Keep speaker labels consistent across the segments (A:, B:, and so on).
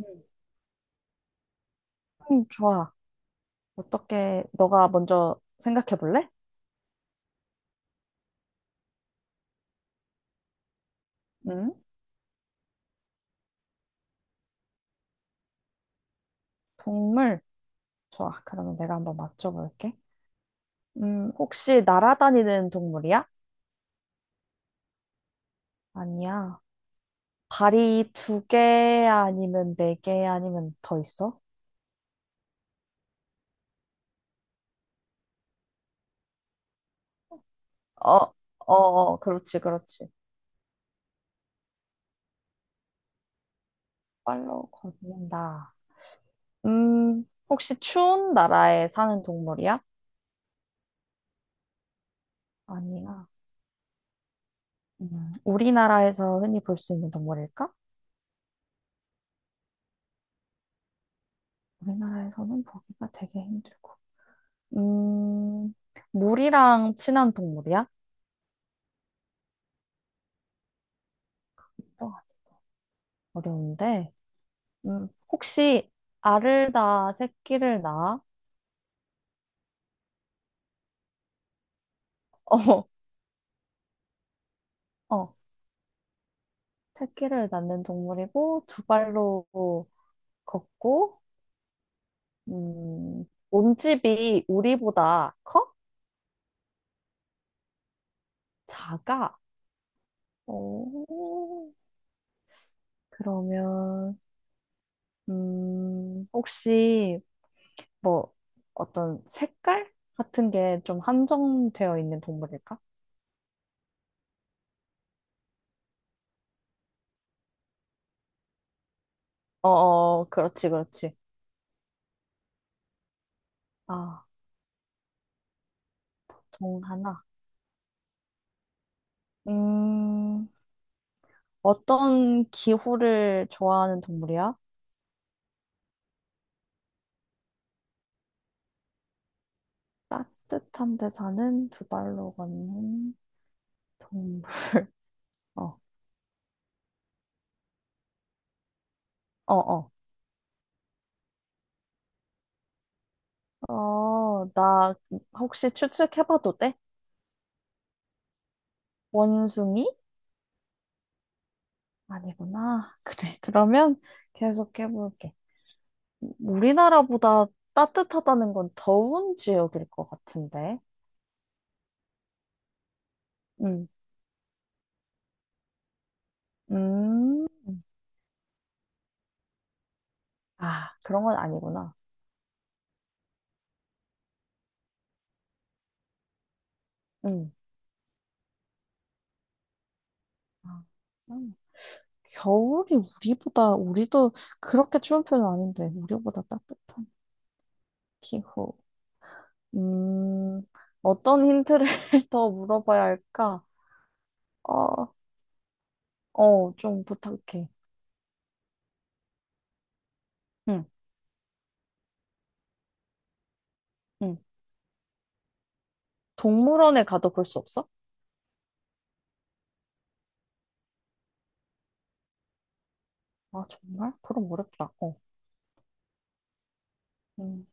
A: 음. 좋아. 어떻게, 너가 먼저 생각해 볼래? 음, 동물. 좋아. 그러면 내가 한번 맞춰볼게. 혹시 날아다니는 동물이야? 아니야. 발이 두 개 아니면 네 개 아니면 더 있어? 어, 어, 그렇지, 그렇지. 빨로 걷는다. 혹시 추운 나라에 사는 동물이야? 아니야. 우리나라에서 흔히 볼 수 있는 동물일까? 우리나라에서는 보기가 되게 힘들고. 음, 물이랑 친한 동물이야? 어, 어려운데. 음, 혹시, 알을 낳아 새끼를 낳아? 어, 어, 새끼를 낳는 동물이고 두 발로 걷고. 음, 몸집이 우리보다 커? 작아? 오, 그러면 혹시 뭐 어떤 색깔 같은 게 좀 한정되어 있는 동물일까? 그렇지, 그렇지. 아, 동 하나. 음, 어떤 기후를 좋아하는 동물이야? 따뜻한 데 사는 두 발로 걷는 동물. 어, 어, 어. 어, 나 혹시 추측해봐도 돼? 원숭이? 아니구나. 그래. 그러면 계속해볼게. 우리나라보다 따뜻하다는 건 더운 지역일 것 같은데. 음, 음. 아, 그런 건 아니구나. 음. 아, 겨울이 우리도 그렇게 추운 편은 아닌데, 우리보다 따뜻한 기후. 음, 어떤 힌트를 더 물어봐야 할까? 어, 어, 좀 부탁해. 응, 응. 동물원에 가도 볼 수 없어? 아, 정말? 그럼 어렵다. 어. 음.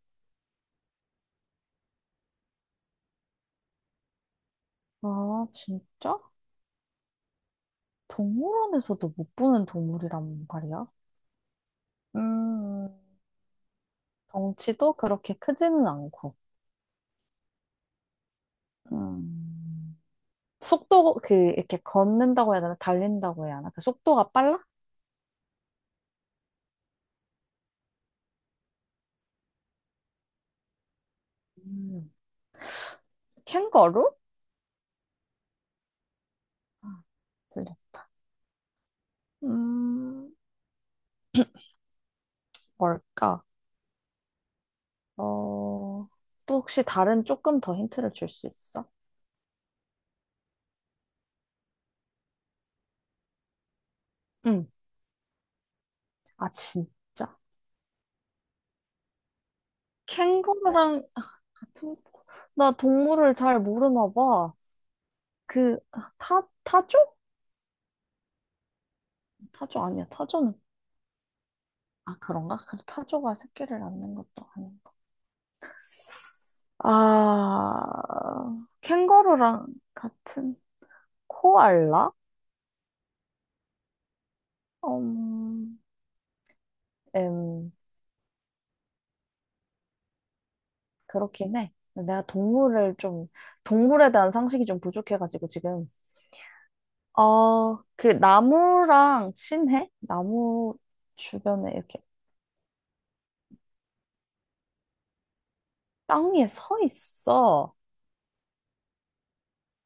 A: 아, 진짜? 동물원에서도 못 보는 동물이란 말이야? 음, 덩치도 그렇게 크지는 않고. 음. 속도, 그, 이렇게 걷는다고 해야 되나? 달린다고 해야 하나? 그 속도가 빨라? 음, 캥거루? 아, 들렸다. 음, 뭘까? 어, 또 혹시 다른 조금 더 힌트를 줄 수 있어? 응. 아, 진짜. 캥거루랑 아, 같은, 나 동물을 잘 모르나 봐. 타조? 타조 아니야. 타조는, 아, 그런가? 그래, 타조가 새끼를 낳는 것도 아니야. 아, 캥거루랑 같은 코알라? 음, 음, 그렇긴 해. 동물에 대한 상식이 좀 부족해가지고 지금. 어, 그 나무랑 친해? 나무 주변에 이렇게 땅 위에 서 있어.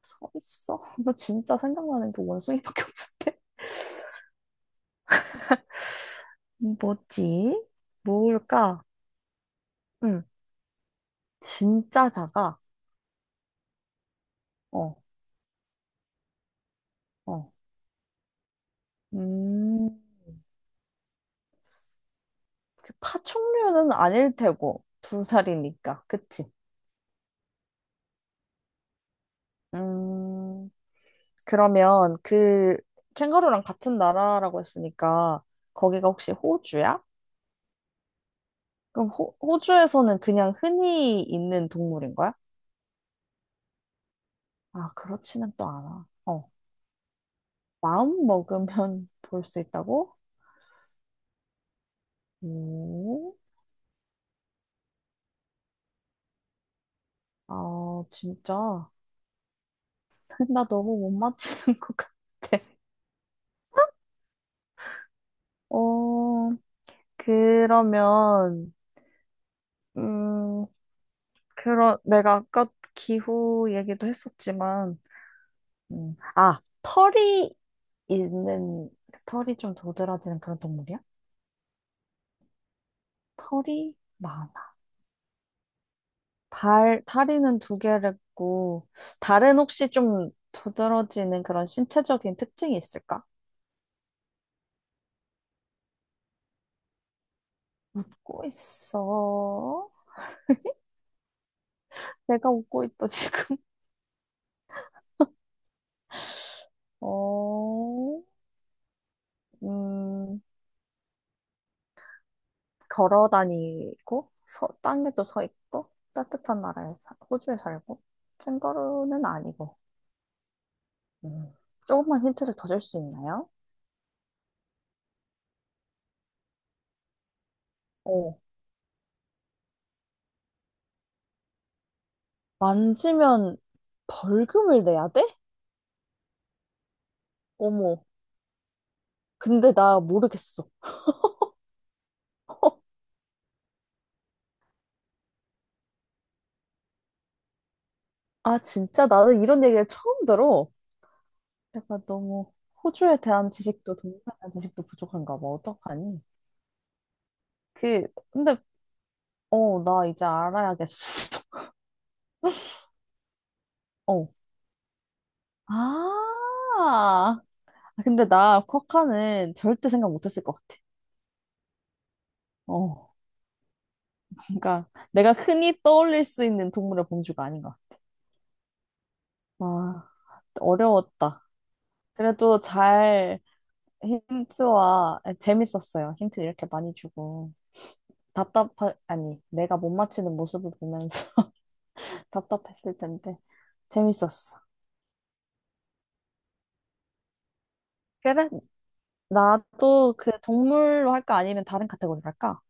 A: 서 있어? 나 진짜 생각나는 게 원숭이밖에 없는데. 뭐지? 뭘까? 응, 진짜 작아. 어, 어. 음, 그 파충류는 아닐 테고, 두 살이니까. 그치? 음, 그러면 그 캥거루랑 같은 나라라고 했으니까, 거기가 혹시 호주야? 그럼 호주에서는 그냥 흔히 있는 동물인 거야? 아, 그렇지는 또 않아. 어, 마음 먹으면 볼 수 있다고? 오, 아, 진짜. 나 너무 못 맞히는 것 같아. 어, 그러면, 음, 그런 내가 아까 기후 얘기도 했었지만, 아, 털이 있는, 털이 좀 도드라지는 그런 동물이야? 털이 많아. 발, 다리는 두 개를 있고, 다른 혹시 좀 도드라지는 그런 신체적인 특징이 있을까? 웃고 있어. 내가 웃고 있다, 지금. 어, 음, 걸어 다니고 서, 땅에도 서 있고 따뜻한 나라에 사, 호주에 살고 캥거루는 아니고 음. 조금만 힌트를 더 줄 수 있나요? 어, 만지면 벌금을 내야 돼? 어머, 근데 나 모르겠어. 아 진짜 나는 이런 얘기를 처음 들어. 내가 너무 호주에 대한 지식도 동남아에 대한 지식도 부족한가 봐. 어떡하니? 그 근데 어 나 이제 알아야겠어. 어. 아 아, 근데 나 쿼카는 절대 생각 못했을 것 같아. 어, 그러니까 내가 흔히 떠올릴 수 있는 동물의 범주가 아닌 것 같아. 와, 어려웠다. 그래도 잘 힌트와 아, 재밌었어요. 힌트 이렇게 많이 주고 답답하 아니 내가 못 맞히는 모습을 보면서 답답했을 텐데 재밌었어. 그래, 나도 그 동물로 할까 아니면 다른 카테고리로 할까?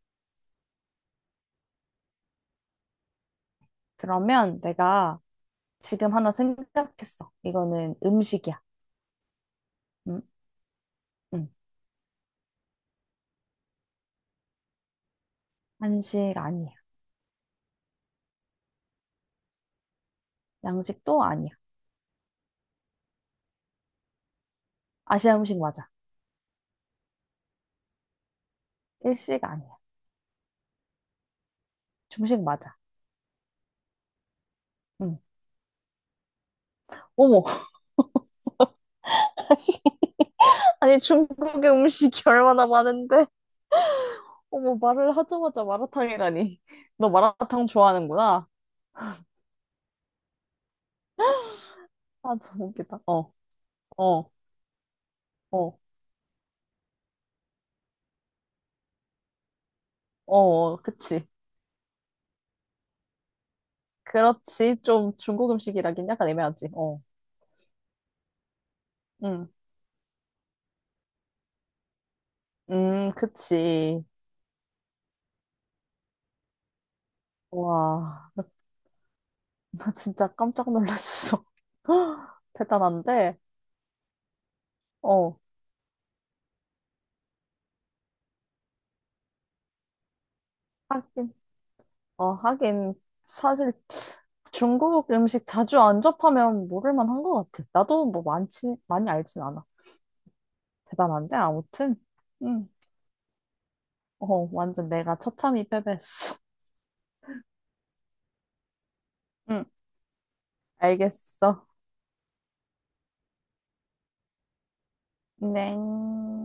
A: 그러면 내가 지금 하나 생각했어. 이거는 음식이야. 음, 음. 한식 아니야. 양식도 아니야. 아시아 음식 맞아. 일식 아니야. 중식 맞아. 응. 어머, 아니 중국의 음식이 얼마나 많은데? 어머, 말을 하자마자 마라탕이라니. 너 마라탕 좋아하는구나. 아, 너무 웃기다. 어, 어, 어, 그치. 그렇지. 좀 중국 음식이라긴 약간 애매하지. 응, 그치. 와, 나, 나 진짜 깜짝 놀랐어. 대단한데? 어, 하긴. 어, 하긴, 사실 중국 음식 자주 안 접하면 모를 만한 것 같아. 나도 뭐 많지, 많이 알진 않아. 대단한데, 아무튼. 응. 어, 완전 내가 처참히 패배했어. 응, 알겠어. 네.